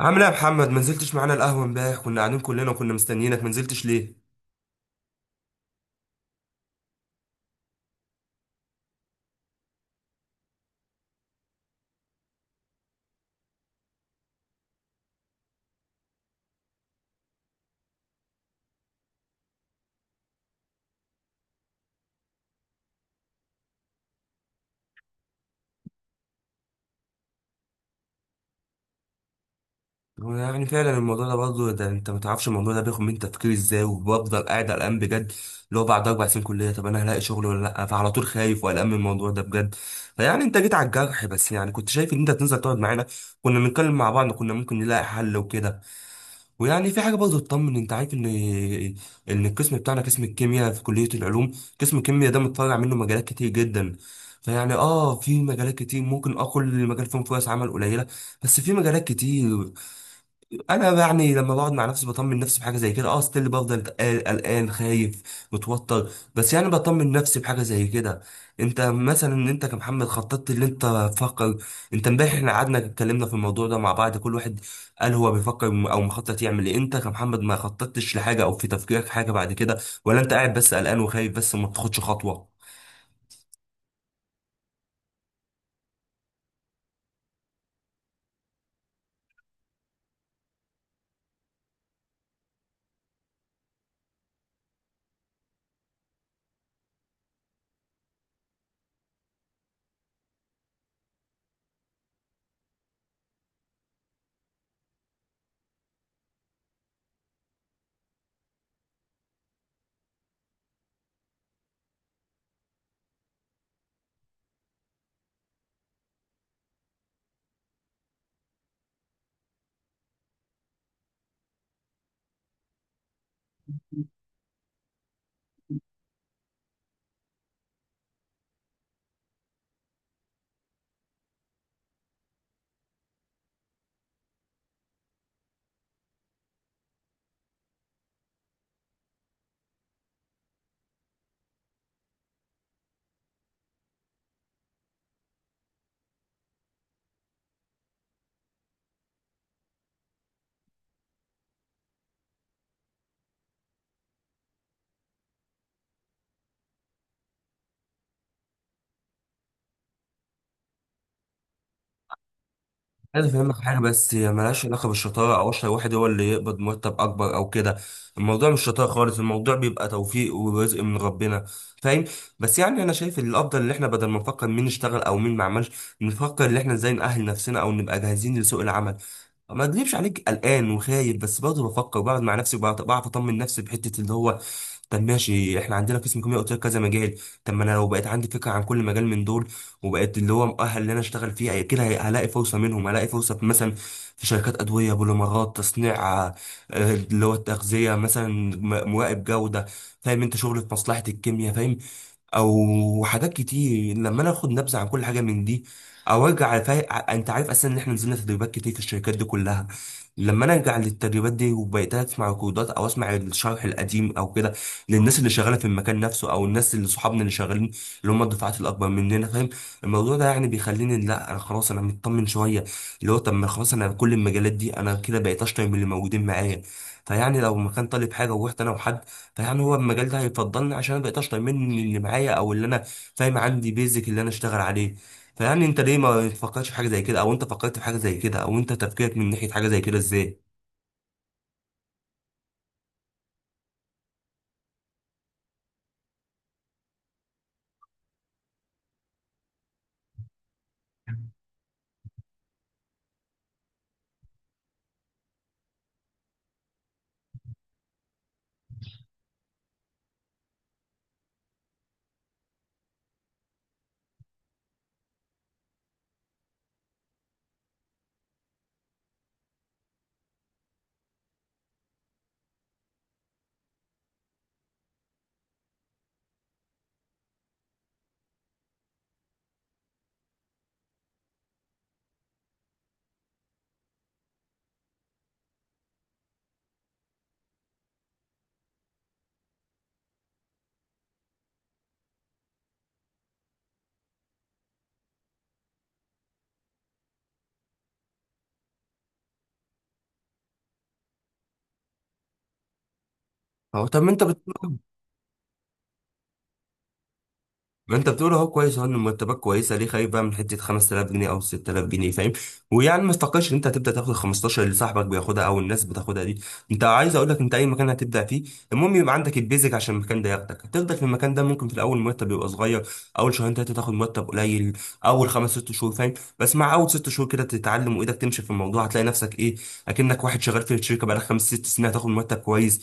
عامل ايه يا محمد؟ ما نزلتش معانا القهوه امبارح، كنا قاعدين كلنا وكنا مستنيينك، ما نزلتش ليه؟ هو يعني فعلا الموضوع ده برضه، ده انت ما تعرفش الموضوع ده بياخد من تفكيري ازاي، وبفضل قاعد قلقان بجد. اللي هو بعد 4 سنين كليه طب انا هلاقي شغل ولا لا؟ فعلى طول خايف وقلقان من الموضوع ده بجد. فيعني انت جيت على الجرح، بس يعني كنت شايف ان انت تنزل تقعد معانا، كنا بنتكلم مع بعض، كنا ممكن نلاقي حل وكده. ويعني في حاجه برضه تطمن، انت عارف ان ان القسم بتاعنا، قسم الكيمياء في كليه العلوم، قسم الكيمياء ده متطلع منه مجالات كتير جدا. فيعني في مجالات كتير ممكن اقول المجال فيهم فرص عمل قليله، بس في مجالات كتير. انا يعني لما بقعد مع نفسي بطمن نفسي بحاجه زي كده، ستيل بفضل قلقان قلقان، خايف متوتر، بس يعني بطمن نفسي بحاجه زي كده. انت مثلا ان انت كمحمد خططت اللي انت تفكر، انت امبارح احنا قعدنا اتكلمنا في الموضوع ده مع بعض، كل واحد قال هو بيفكر او مخطط يعمل ايه. انت كمحمد ما خططتش لحاجه، او في تفكيرك حاجه بعد كده، ولا انت قاعد بس قلقان وخايف بس ما بتاخدش خطوه؟ عايز افهمك حاجه، بس هي ملهاش علاقه بالشطاره او اشهر واحد هو اللي يقبض مرتب اكبر او كده. الموضوع مش شطاره خالص، الموضوع بيبقى توفيق ورزق من ربنا. فاهم؟ بس يعني انا شايف ان الافضل ان احنا بدل ما نفكر مين اشتغل او مين ما عملش، نفكر ان احنا ازاي نأهل نفسنا او نبقى جاهزين لسوق العمل. ما اكذبش عليك قلقان وخايف، بس برضه بفكر بقعد مع نفسي، بعرف اطمن نفسي بحته. اللي هو طب ماشي، احنا عندنا قسم كيمياء، قلت لك كذا مجال. طب ما انا لو بقيت عندي فكره عن كل مجال من دول، وبقيت اللي هو مؤهل ان انا اشتغل فيه، كده هلاقي فرصه منهم، هلاقي فرصه مثلا في شركات ادويه، بوليمرات، تصنيع، اللي هو التغذيه مثلا، مراقب جوده. فاهم؟ انت شغل في مصلحه الكيمياء، فاهم؟ او حاجات كتير. لما انا اخد نبذه عن كل حاجه من دي، او ارجع انت عارف اصلا ان احنا نزلنا تدريبات كتير في الشركات دي كلها. لما انا ارجع للتدريبات دي، وبقيت اسمع ريكوردات او اسمع الشرح القديم او كده، للناس اللي شغاله في المكان نفسه، او الناس اللي صحابنا اللي شغالين، اللي هم الدفعات الاكبر مننا، فاهم؟ الموضوع ده يعني بيخليني، لا انا خلاص انا مطمن شويه. اللي هو طب ما خلاص، انا كل المجالات دي انا كده بقيت اشطر من اللي موجودين معايا. فيعني لو ما كان طالب حاجه، ورحت انا وحد، فيعني هو المجال ده هيفضلني، عشان انا بقيت اشطر مني اللي معايا، او اللي انا فاهم عندي بيزك اللي انا اشتغل عليه. فيعني انت ليه ما تفكرش في حاجه زي كده؟ او انت فكرت في حاجه زي كده، او انت تفكيرك من ناحيه حاجه زي كده ازاي؟ أو طب ما انت ما انت بتقول اهو كويس، اهو ان مرتبات كويسه، ليه خايف بقى من حته 5000 جنيه او 6000 جنيه؟ فاهم؟ ويعني ما تفكرش ان انت هتبدا تاخد ال 15 اللي صاحبك بياخدها او الناس بتاخدها دي. انت عايز اقول لك، انت اي مكان هتبدا فيه، المهم يبقى عندك البيزك عشان المكان ده ياخدك. هتفضل في المكان ده، ممكن في الاول مرتب يبقى صغير، اول شهرين ثلاثه تاخد مرتب قليل، اول خمس ست شهور، فاهم؟ بس مع اول ست شهور كده تتعلم وايدك تمشي في الموضوع، هتلاقي نفسك ايه، اكنك واحد شغال في الشركه بقالك خمس ست سنين، هتاخد مرتب كويس.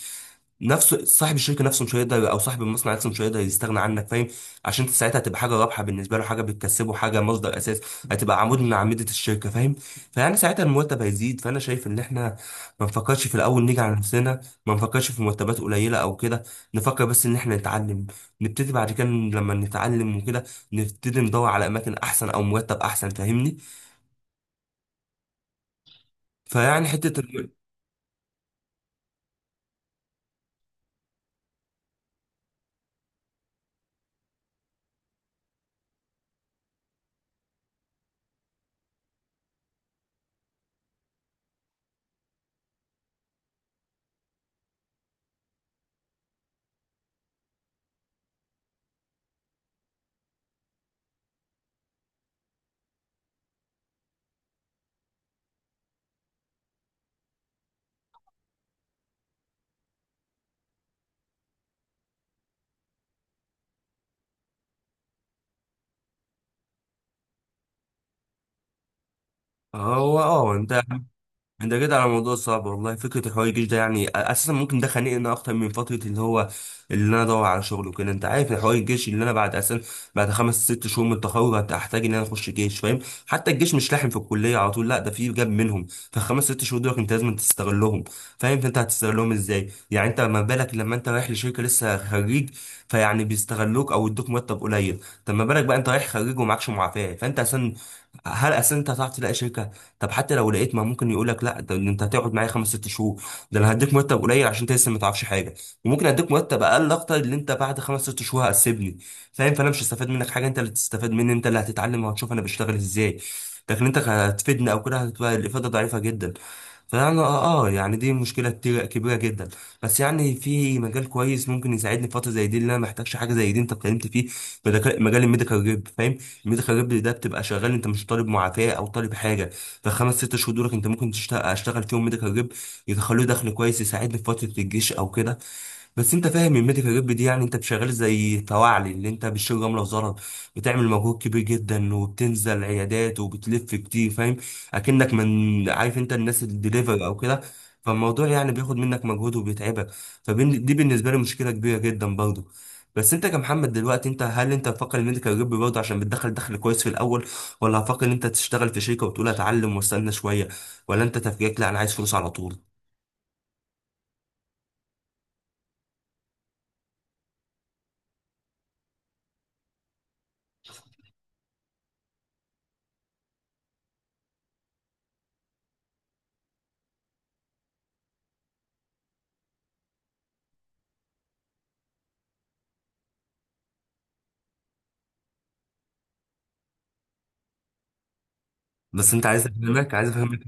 نفسه صاحب الشركه نفسه مش هيقدر، او صاحب المصنع نفسه مش هيقدر يستغنى عنك، فاهم؟ عشان انت ساعتها هتبقى حاجه رابحه بالنسبه له، حاجه بتكسبه، حاجه مصدر اساس، هتبقى عمود من اعمده الشركه، فاهم؟ فيعني ساعتها المرتب هيزيد. فانا شايف ان احنا ما نفكرش في الاول نيجي على نفسنا، ما نفكرش في مرتبات قليله او كده، نفكر بس ان احنا نتعلم، نبتدي بعد كده لما نتعلم وكده، نبتدي ندور على اماكن احسن او مرتب احسن، فاهمني؟ فيعني حته هو انت انت كده على موضوع صعب والله. فكره الحوار الجيش ده يعني اساسا ممكن ده خانقني اكتر من فتره، اللي هو اللي انا ادور على شغل وكده. انت عارف الحوار الجيش، اللي انا بعد اساسا بعد خمس ست شهور من التخرج هحتاج ان انا اخش جيش، فاهم؟ حتى الجيش مش لاحم في الكليه على طول، لا ده في جاب منهم. فالخمس ست شهور دول انت لازم تستغلهم، فاهم؟ فانت هتستغلهم ازاي؟ يعني انت ما بالك لما انت رايح لشركه لسه خريج، فيعني بيستغلوك او يدوك مرتب قليل. طب ما بالك بقى انت رايح خريج ومعكش معافاه؟ فانت اساسا هل اساسا انت هتعرف تلاقي شركه؟ طب حتى لو لقيت، ما ممكن يقول لك لا ده انت هتقعد معايا خمس ست شهور، ده انا هديك مرتب قليل عشان انت لسه ما تعرفش حاجه، وممكن اديك مرتب اقل اكتر، اللي انت بعد خمس ست شهور هتسيبني، فاهم؟ فانا مش هستفاد منك حاجه، انت اللي تستفاد مني، انت اللي هتتعلم وهتشوف انا بشتغل ازاي، لكن انت هتفيدني او كده هتبقى الافاده ضعيفه جدا. فانا يعني دي مشكله كبيره جدا. بس يعني في مجال كويس ممكن يساعدني في فتره زي دي، اللي انا محتاجش حاجه زي دي، انت اتكلمت فيه، مجال الميديكال ريب، فاهم؟ الميديكال ريب ده بتبقى شغال، انت مش طالب معافاه او طالب حاجه. فالخمس ست شهور دولك انت ممكن تشتغل، اشتغل فيهم ميديكال ريب، يدخلوا لي دخل كويس يساعدني في فتره الجيش او كده. بس انت فاهم ان الميديكال جيب دي، يعني انت شغال زي فواعلي، اللي انت بتشيل جمله وزلط، بتعمل مجهود كبير جدا، وبتنزل عيادات وبتلف كتير، فاهم؟ اكنك من عارف انت الناس الدليفري او كده. فالموضوع يعني بياخد منك مجهود وبيتعبك، فدي بالنسبه لي مشكله كبيره جدا برضه. بس انت كمحمد دلوقتي انت، هل انت هتفكر الميديكال جيب برضه عشان بتدخل دخل كويس في الاول؟ ولا هتفكر ان انت تشتغل في شركه وتقول اتعلم واستنى شويه؟ ولا انت تفكيرك لا انا عايز فلوس على طول؟ بس انت عايز افهمك، عايز افهمك.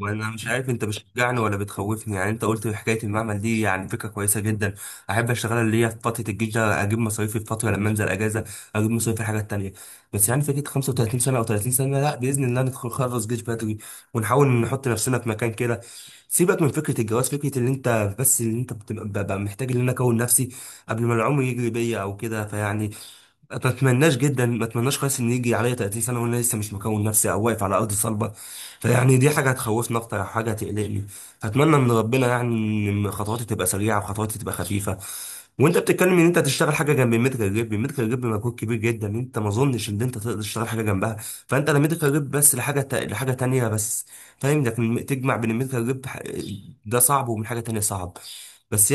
وانا مش عارف انت بتشجعني ولا بتخوفني يعني. انت قلت حكايه المعمل دي، يعني فكره كويسه جدا، احب اشتغلها، اللي هي في فتره الجيش ده اجيب مصاريفي، في فتره لما انزل اجازه اجيب مصاريفي في الحاجات التانيه. بس يعني فكره 35 سنه او 30 سنه، لا باذن الله ندخل خلص جيش بدري، ونحاول نحط نفسنا في مكان كده. سيبك من فكره الجواز، فكره اللي انت بس اللي انت بتبقى ببقى محتاج ان انا اكون نفسي قبل ما العمر يجري بيا او كده. فيعني ما اتمناش جدا، ما اتمناش خالص ان يجي عليا 30 سنه وانا لسه مش مكون نفسي او واقف على ارض صلبه. فيعني دي حاجه هتخوفني، اكتر حاجه هتقلقني. فاتمنى ان ربنا يعني، ان خطواتي تبقى سريعه، وخطواتي تبقى خفيفه. وانت بتتكلم ان انت تشتغل حاجه جنب الميديكال جيب، الميديكال جيب مجهود كبير جدا، انت ما اظنش ان انت تقدر تشتغل حاجه جنبها. فانت لا ميديكال جيب بس، لحاجه تانية بس، فاهم؟ لكن تجمع بين الميديكال جيب ده صعب، ومن حاجه تانية صعب، بس.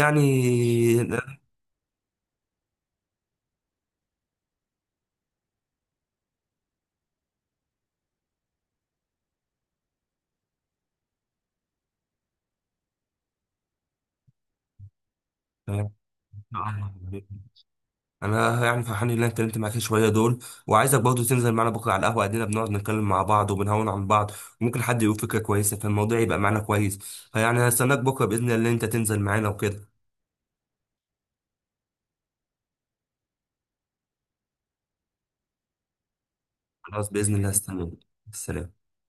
يعني انا يعني فرحان ان انا اتكلمت معاك شويه دول، وعايزك برضه تنزل معانا بكره على القهوه، قاعدين بنقعد نتكلم مع بعض وبنهون عن بعض، وممكن حد يقول فكره كويسه، فالموضوع يبقى معانا كويس. فيعني هستناك بكره باذن الله ان انت تنزل معانا وكده. خلاص باذن الله هستناك. سلام.